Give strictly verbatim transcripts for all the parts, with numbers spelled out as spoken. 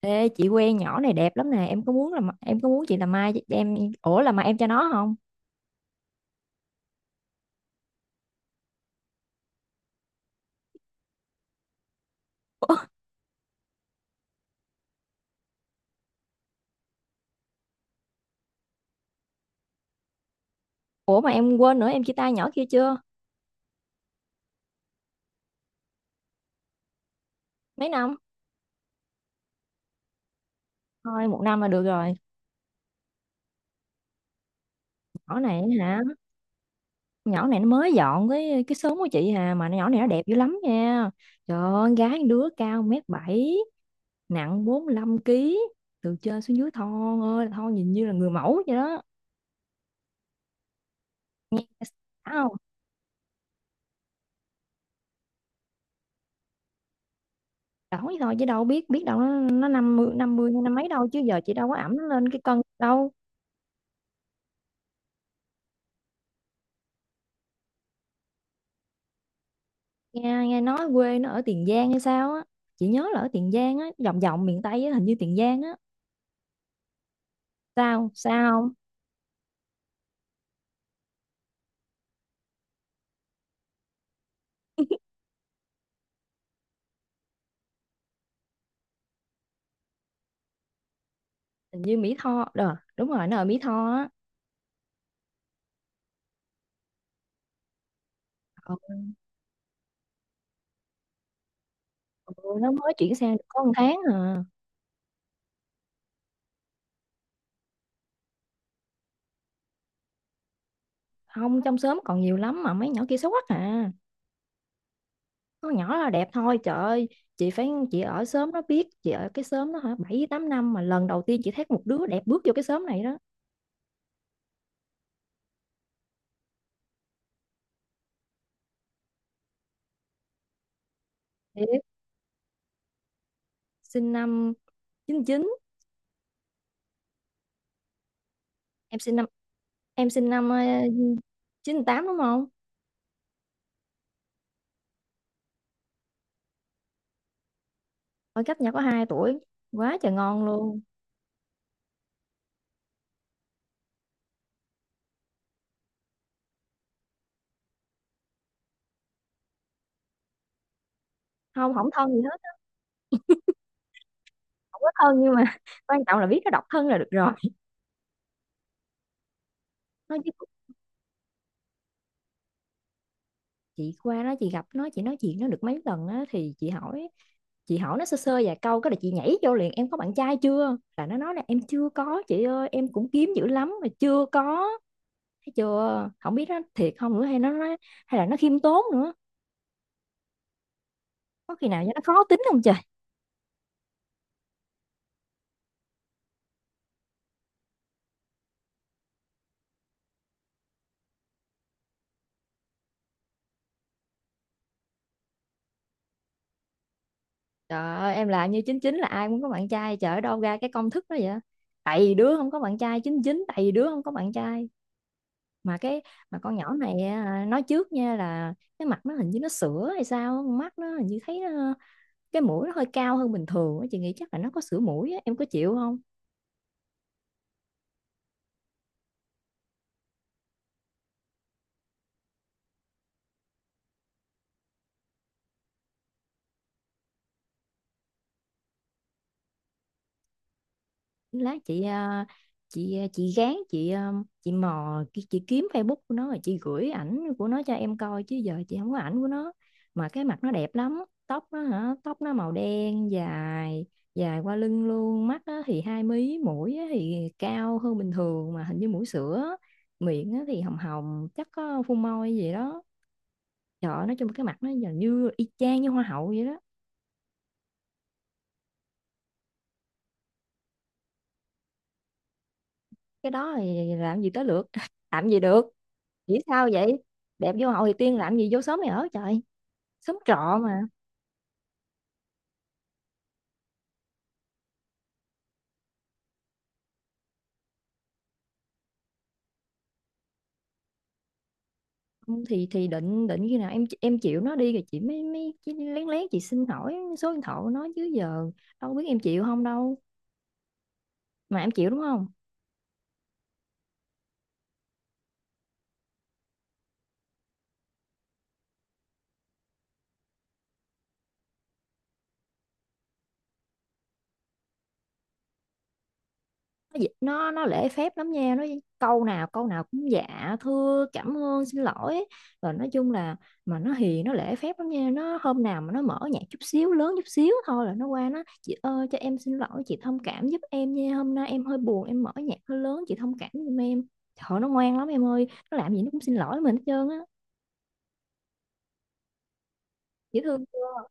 Ê, chị quen nhỏ này đẹp lắm nè. Em có muốn làm, em có muốn chị làm mai em ủa làm mà em cho nó không? Ủa mà em quên nữa, em chia tay nhỏ kia chưa mấy năm? Thôi một năm là được rồi. Nhỏ này hả? Nhỏ này nó mới dọn cái cái xóm của chị hà, mà nhỏ này nó đẹp dữ lắm nha. Trời ơi, con gái đứa cao mét bảy, nặng bốn lăm ký, từ trên xuống dưới thon ơi là thon, nhìn như là người mẫu vậy đó. Nghe đã không? Đổ thôi chứ đâu biết, biết đâu nó nó năm mươi, năm mươi hay năm mấy đâu, chứ giờ chị đâu có ẵm nó lên cái cân đâu. Nghe Nghe nói quê nó ở Tiền Giang hay sao á. Chị nhớ là ở Tiền Giang á, vòng vòng miền Tây á, hình như Tiền Giang á. Sao Sao không? Hình như Mỹ Tho. Đờ, đúng rồi, nó ở Mỹ Tho á. Ừ, ừ, nó mới chuyển sang được có một tháng à. Không, trong xóm còn nhiều lắm mà mấy nhỏ kia xấu quắc à, có nhỏ là đẹp thôi. Trời ơi, chị phải, chị ở xóm nó biết, chị ở cái xóm đó hả bảy tám năm mà lần đầu tiên chị thấy một đứa đẹp bước vô cái xóm này đó. Thiệt, sinh năm chín chín. Em sinh năm, em sinh năm ờ, chín tám đúng không? Ở cách nhà có hai tuổi, quá trời ngon luôn. Không không thân gì hết á, không có thân nhưng mà quan trọng là biết nó độc thân là được rồi. Nó chứ. Chị qua đó chị gặp nó, chị nói chuyện nó được mấy lần á thì chị hỏi, chị hỏi nó sơ sơ vài câu cái là chị nhảy vô liền, em có bạn trai chưa, là nó nói là em chưa có chị ơi, em cũng kiếm dữ lắm mà chưa có. Thấy chưa, không biết nó thiệt không nữa hay nó nói, hay là nó khiêm tốn nữa, có khi nào cho nó khó tính không trời. Trời ơi, em là như chín chín là ai cũng có bạn trai, trời ơi, đâu ra cái công thức đó vậy. Tại vì đứa không có bạn trai chín chín, tại vì đứa không có bạn trai, mà cái, mà con nhỏ này à, nói trước nha là cái mặt nó hình như nó sữa hay sao, mắt nó hình như thấy nó, cái mũi nó hơi cao hơn bình thường á. Chị nghĩ chắc là nó có sữa mũi á. Em có chịu không? Lát chị à, chị ờ, chị gán chị à, chị mò chị, chị kiếm Facebook của nó rồi chị gửi ảnh của nó cho em coi, chứ giờ chị không có ảnh của nó mà cái mặt nó đẹp lắm. Tóc nó hả, tóc nó màu đen dài, dài qua lưng luôn, mắt á thì hai mí, mũi á thì cao hơn bình thường mà hình như mũi sữa, miệng á thì hồng hồng chắc có phun môi gì đó. Trời ơi, nói chung cái mặt nó gần như y chang như hoa hậu vậy đó. Cái đó thì làm gì tới lượt làm gì được. Nghĩ sao vậy, đẹp vô hậu thì tiên làm gì vô xóm này ở trời, xóm trọ mà. Không, thì thì định định khi nào em em chịu nó đi rồi chị mới mới chị lén lén chị xin hỏi số điện thoại của nó, chứ giờ đâu biết em chịu không đâu. Mà em chịu đúng không? nó dị- nó nó lễ phép lắm nha, nó câu nào câu nào cũng dạ thưa cảm ơn xin lỗi ấy. Rồi nói chung là, mà nó hiền, nó lễ phép lắm nha, nó hôm nào mà nó mở nhạc chút xíu lớn chút xíu thôi là nó qua nó chị ơi cho em xin lỗi, chị thông cảm giúp em nha, hôm nay em hơi buồn em mở nhạc hơi lớn, chị thông cảm giùm em. Trời ơi, nó ngoan lắm em ơi, nó làm gì nó cũng xin lỗi mình hết trơn á. Dễ thương chưa?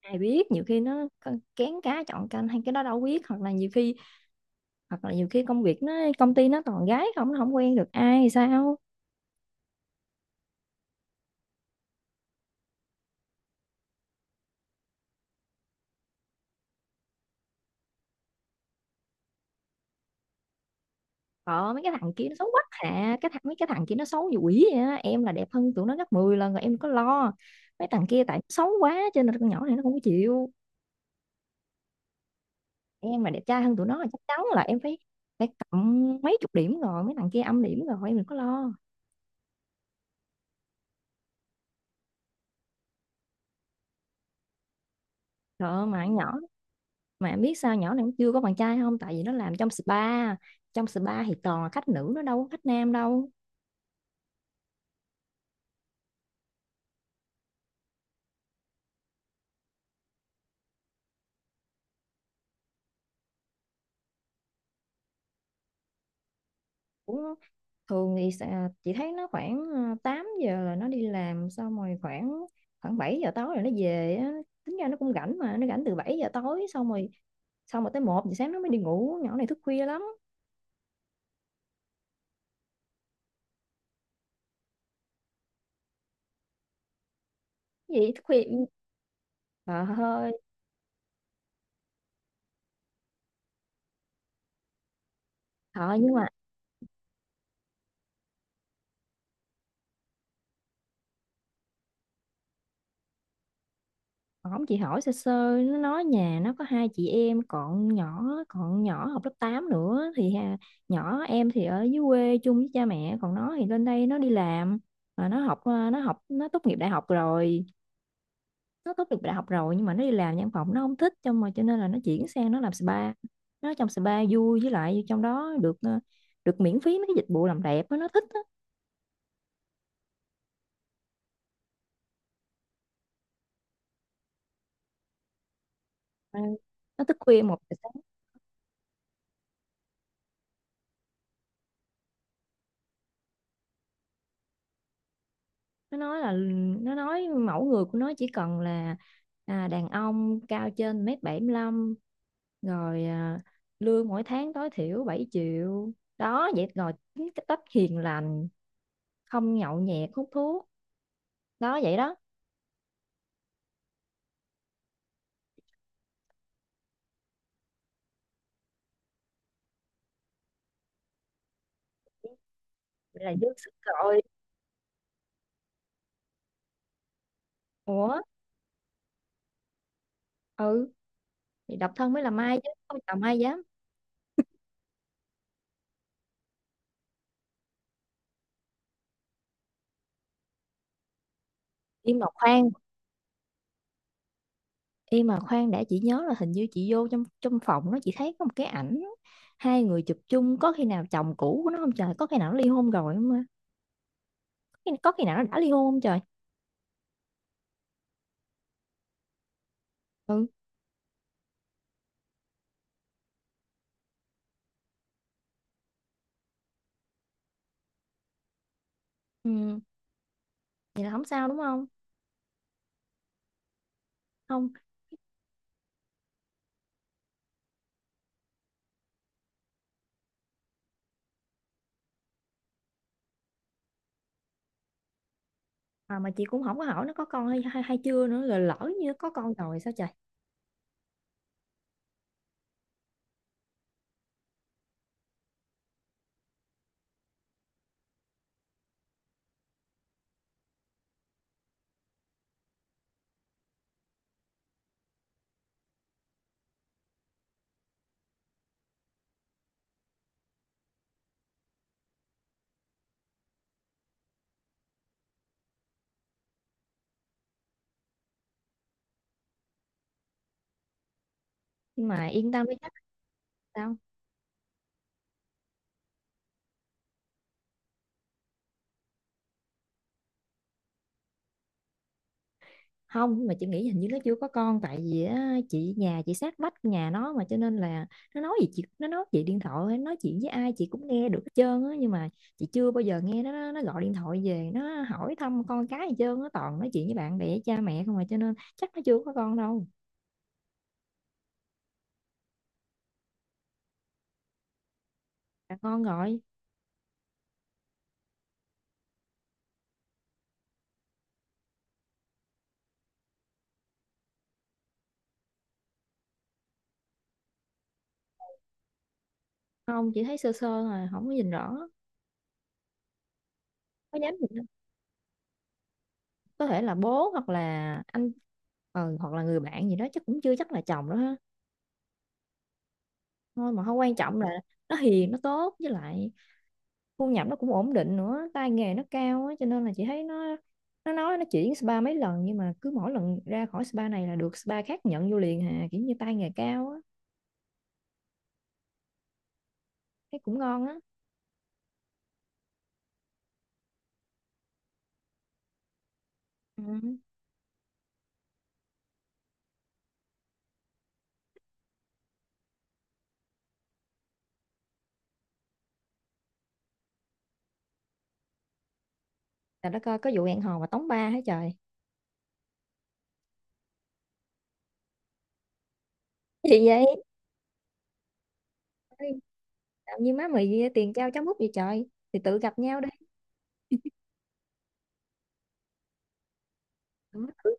Ai biết, nhiều khi nó c- kén cá chọn canh hay cái đó đâu biết, hoặc là nhiều khi, hoặc là nhiều khi công việc nó, công ty nó toàn gái không, nó không quen được ai thì sao. Ờ, mấy cái thằng kia nó xấu quá hả, cái thằng mấy cái thằng kia nó xấu như quỷ vậy á, em là đẹp hơn tụi nó gấp mười lần rồi, em có lo. Mấy thằng kia tại nó xấu quá cho nên con nhỏ này nó không có chịu. Em mà đẹp trai hơn tụi nó là chắc chắn là em phải, phải cộng mấy chục điểm rồi, mấy thằng kia âm điểm rồi, em đừng có lo. Trời ơi, mà con nhỏ, mà em biết sao nhỏ này nó chưa có bạn trai không, tại vì nó làm trong spa, trong spa thì toàn là khách nữ, nó đâu có khách nam đâu. Cũng thường thì sẽ- chị thấy nó khoảng ờ, tám giờ là nó đi làm xong rồi, khoảng, khoảng bảy giờ tối rồi nó về á. Tính ra nó cũng rảnh mà, nó rảnh từ bảy giờ tối xong rồi, xong rồi tới một giờ sáng nó mới đi ngủ, nhỏ này thức khuya lắm. Cái gì thức khuya, trời ơi. Trời nhưng mà ổng chị hỏi sơ sơ nó nói nhà nó có hai chị em, còn nhỏ, còn nhỏ học lớp tám nữa thì ha, nhỏ em thì ở dưới quê chung với cha mẹ, còn nó thì lên đây nó đi làm. Mà nó học ờ, nó học nó tốt nghiệp đại học rồi. Nó tốt nghiệp đại học rồi nhưng mà nó đi làm văn phòng nó không thích cho mà, cho nên là nó chuyển sang nó làm spa. Nó trong spa vui, với lại trong đó được ờ, được miễn phí mấy cái dịch vụ làm đẹp á, nó thích á. Ừ. Nó thức khuya một giờ sáng. Nó nói là, nó nói mẫu người của nó chỉ cần là à, đàn ông cao trên mét bảy mươi lăm, rồi à, lương mỗi tháng tối thiểu bảy triệu đó, vậy rồi tính cái cách hiền lành, không nhậu nhẹt hút thuốc đó, vậy đó. Vậy là dư sức rồi. Ủa, ừ, thì độc thân mới làm ai chứ không, chồng ai dám. Im mà khoan, im mà khoan đã, chị nhớ là hình như chị vô trong, trong phòng nó chị thấy có một cái ảnh hai người chụp chung, có khi nào chồng cũ của nó không trời, có khi nào nó ly hôn rồi không à? Có khi, có khi nào nó đã ly hôn không trời. Ừ, ừ. Vậy là không sao đúng không? Không. À, mà chị cũng không có hỏi nó có con hay hay, hay chưa nữa, rồi lỡ như có con rồi sao trời. Nhưng mà yên tâm đi, chắc. Sao? Không, mà chị nghĩ hình như nó chưa có con, tại vì á, chị nhà chị sát vách nhà nó mà, cho nên là nó nói gì chị, nó nói chị điện thoại hay nói chuyện với ai chị cũng nghe được hết trơn á, nhưng mà chị chưa bao giờ nghe nó nó gọi điện thoại về nó hỏi thăm con cái gì trơn á, toàn nói chuyện với bạn bè cha mẹ không, mà cho nên chắc nó chưa có con đâu. Là con gọi. Không, chị thấy sơ sơ mà không có nhìn rõ. Có nhắn gì đâu. Có thể là bố hoặc là anh, ờ, hoặc là người bạn gì đó, chắc cũng chưa chắc là chồng đó ha. Thôi mà không quan trọng, là nó hiền, nó tốt, với lại thu nhập nó cũng ổn định nữa, tay nghề nó cao á, cho nên là chị thấy nó nó nói nó chuyển spa mấy lần nhưng mà cứ mỗi lần ra khỏi spa này là được spa khác nhận vô liền hà, kiểu như tay nghề cao á, thấy cũng ngon á. Ừ. Là đó coi có vụ hẹn hò mà tống ba hả trời. Gì vậy? Ê, làm như má mày tiền trao cháo múc vậy trời, thì tự gặp nhau đi. Ừ, tự-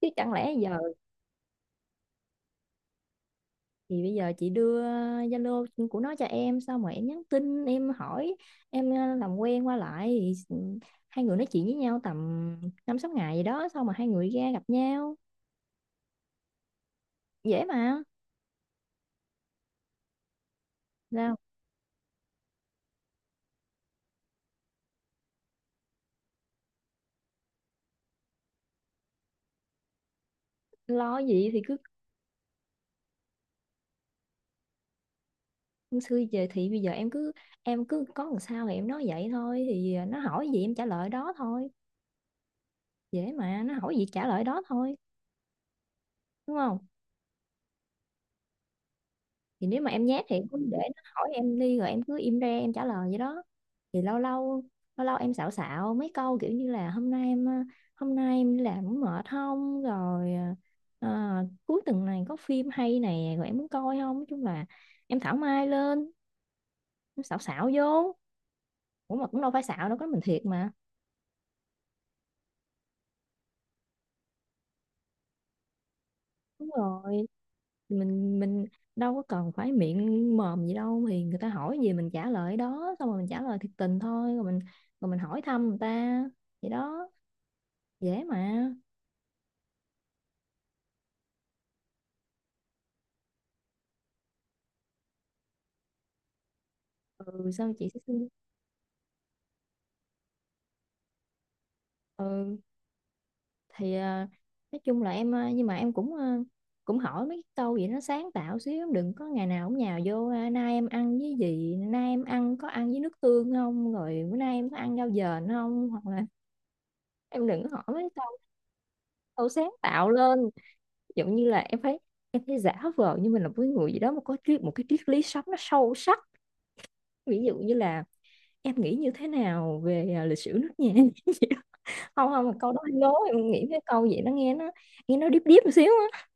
Chứ chẳng lẽ giờ, thì bây giờ chị đưa Zalo của nó cho em xong rồi em nhắn tin em hỏi em ờ, làm quen qua lại thì s- hai người nói chuyện với nhau tầm năm sáu ngày gì đó xong mà hai người ra gặp nhau, dễ mà. Sao? Lo gì, thì cứ xưa giờ thì bây giờ em cứ em cứ có làm sao thì em nói vậy thôi, thì ờ, nó hỏi gì em trả lời đó thôi, dễ mà, nó hỏi gì trả lời đó thôi, đúng không? Thì nếu mà em nhát thì em cứ để nó hỏi em đi rồi em cứ im re em trả lời vậy đó. Thì lâu lâu lâu lâu em xạo xạo mấy câu kiểu như là hôm nay em ờ, hôm nay em đi làm cũng mệt không rồi, ờ, cuối tuần này có phim hay này rồi em muốn coi không, nói chung là em thảo mai lên, em xạo xạo vô. Ủa mà cũng đâu phải xạo đâu, có mình thiệt mà. Đúng rồi, mình mình đâu có cần phải miệng mồm gì đâu, thì người ta hỏi gì mình trả lời đó, xong rồi mình trả lời thiệt tình thôi, rồi mình, rồi mình hỏi thăm người ta vậy đó, dễ mà. Ừ, sao chị sẽ xin. Ừ, thì à, nói chung là em à, nhưng mà em cũng à, cũng hỏi mấy câu gì nó sáng tạo xíu, đừng có ngày nào cũng nhào vô à, nay em ăn với gì, nay em ăn có ăn với nước tương không, rồi bữa nay em có ăn rau dền không, hoặc là em đừng có hỏi mấy câu, câu sáng tạo lên. Giống như là em thấy em thấy giả vờ như mình là với người gì đó mà có triết một cái triết lý sống nó sâu sắc, ví dụ như là em nghĩ như thế nào về à, lịch sử nước nhà. Không không, câu đó hơi lố, em nghĩ cái câu vậy nó nghe nó, nghe nó điếp điếp một xíu á.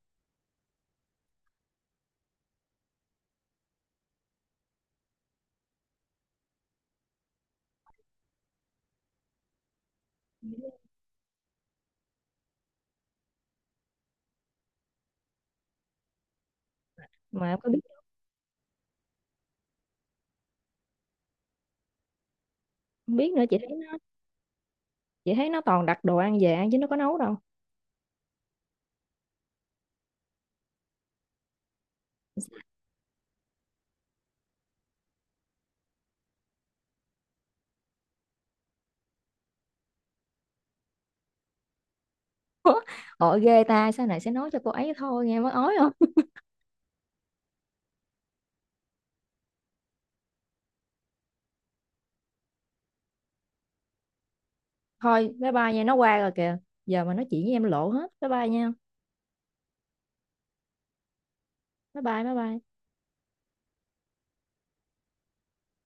Mà em có biết không, biết nữa chị thấy nó, chị thấy nó toàn đặt đồ ăn về ăn chứ nó có nấu đâu. Ôi ghê ta, sau này sẽ nói cho cô ấy thôi, nghe mới ói không. Thôi, bye bye nha, nó qua rồi kìa, giờ mà nói chuyện với em lộ hết, bye bye nha. Bye bye, bye bye.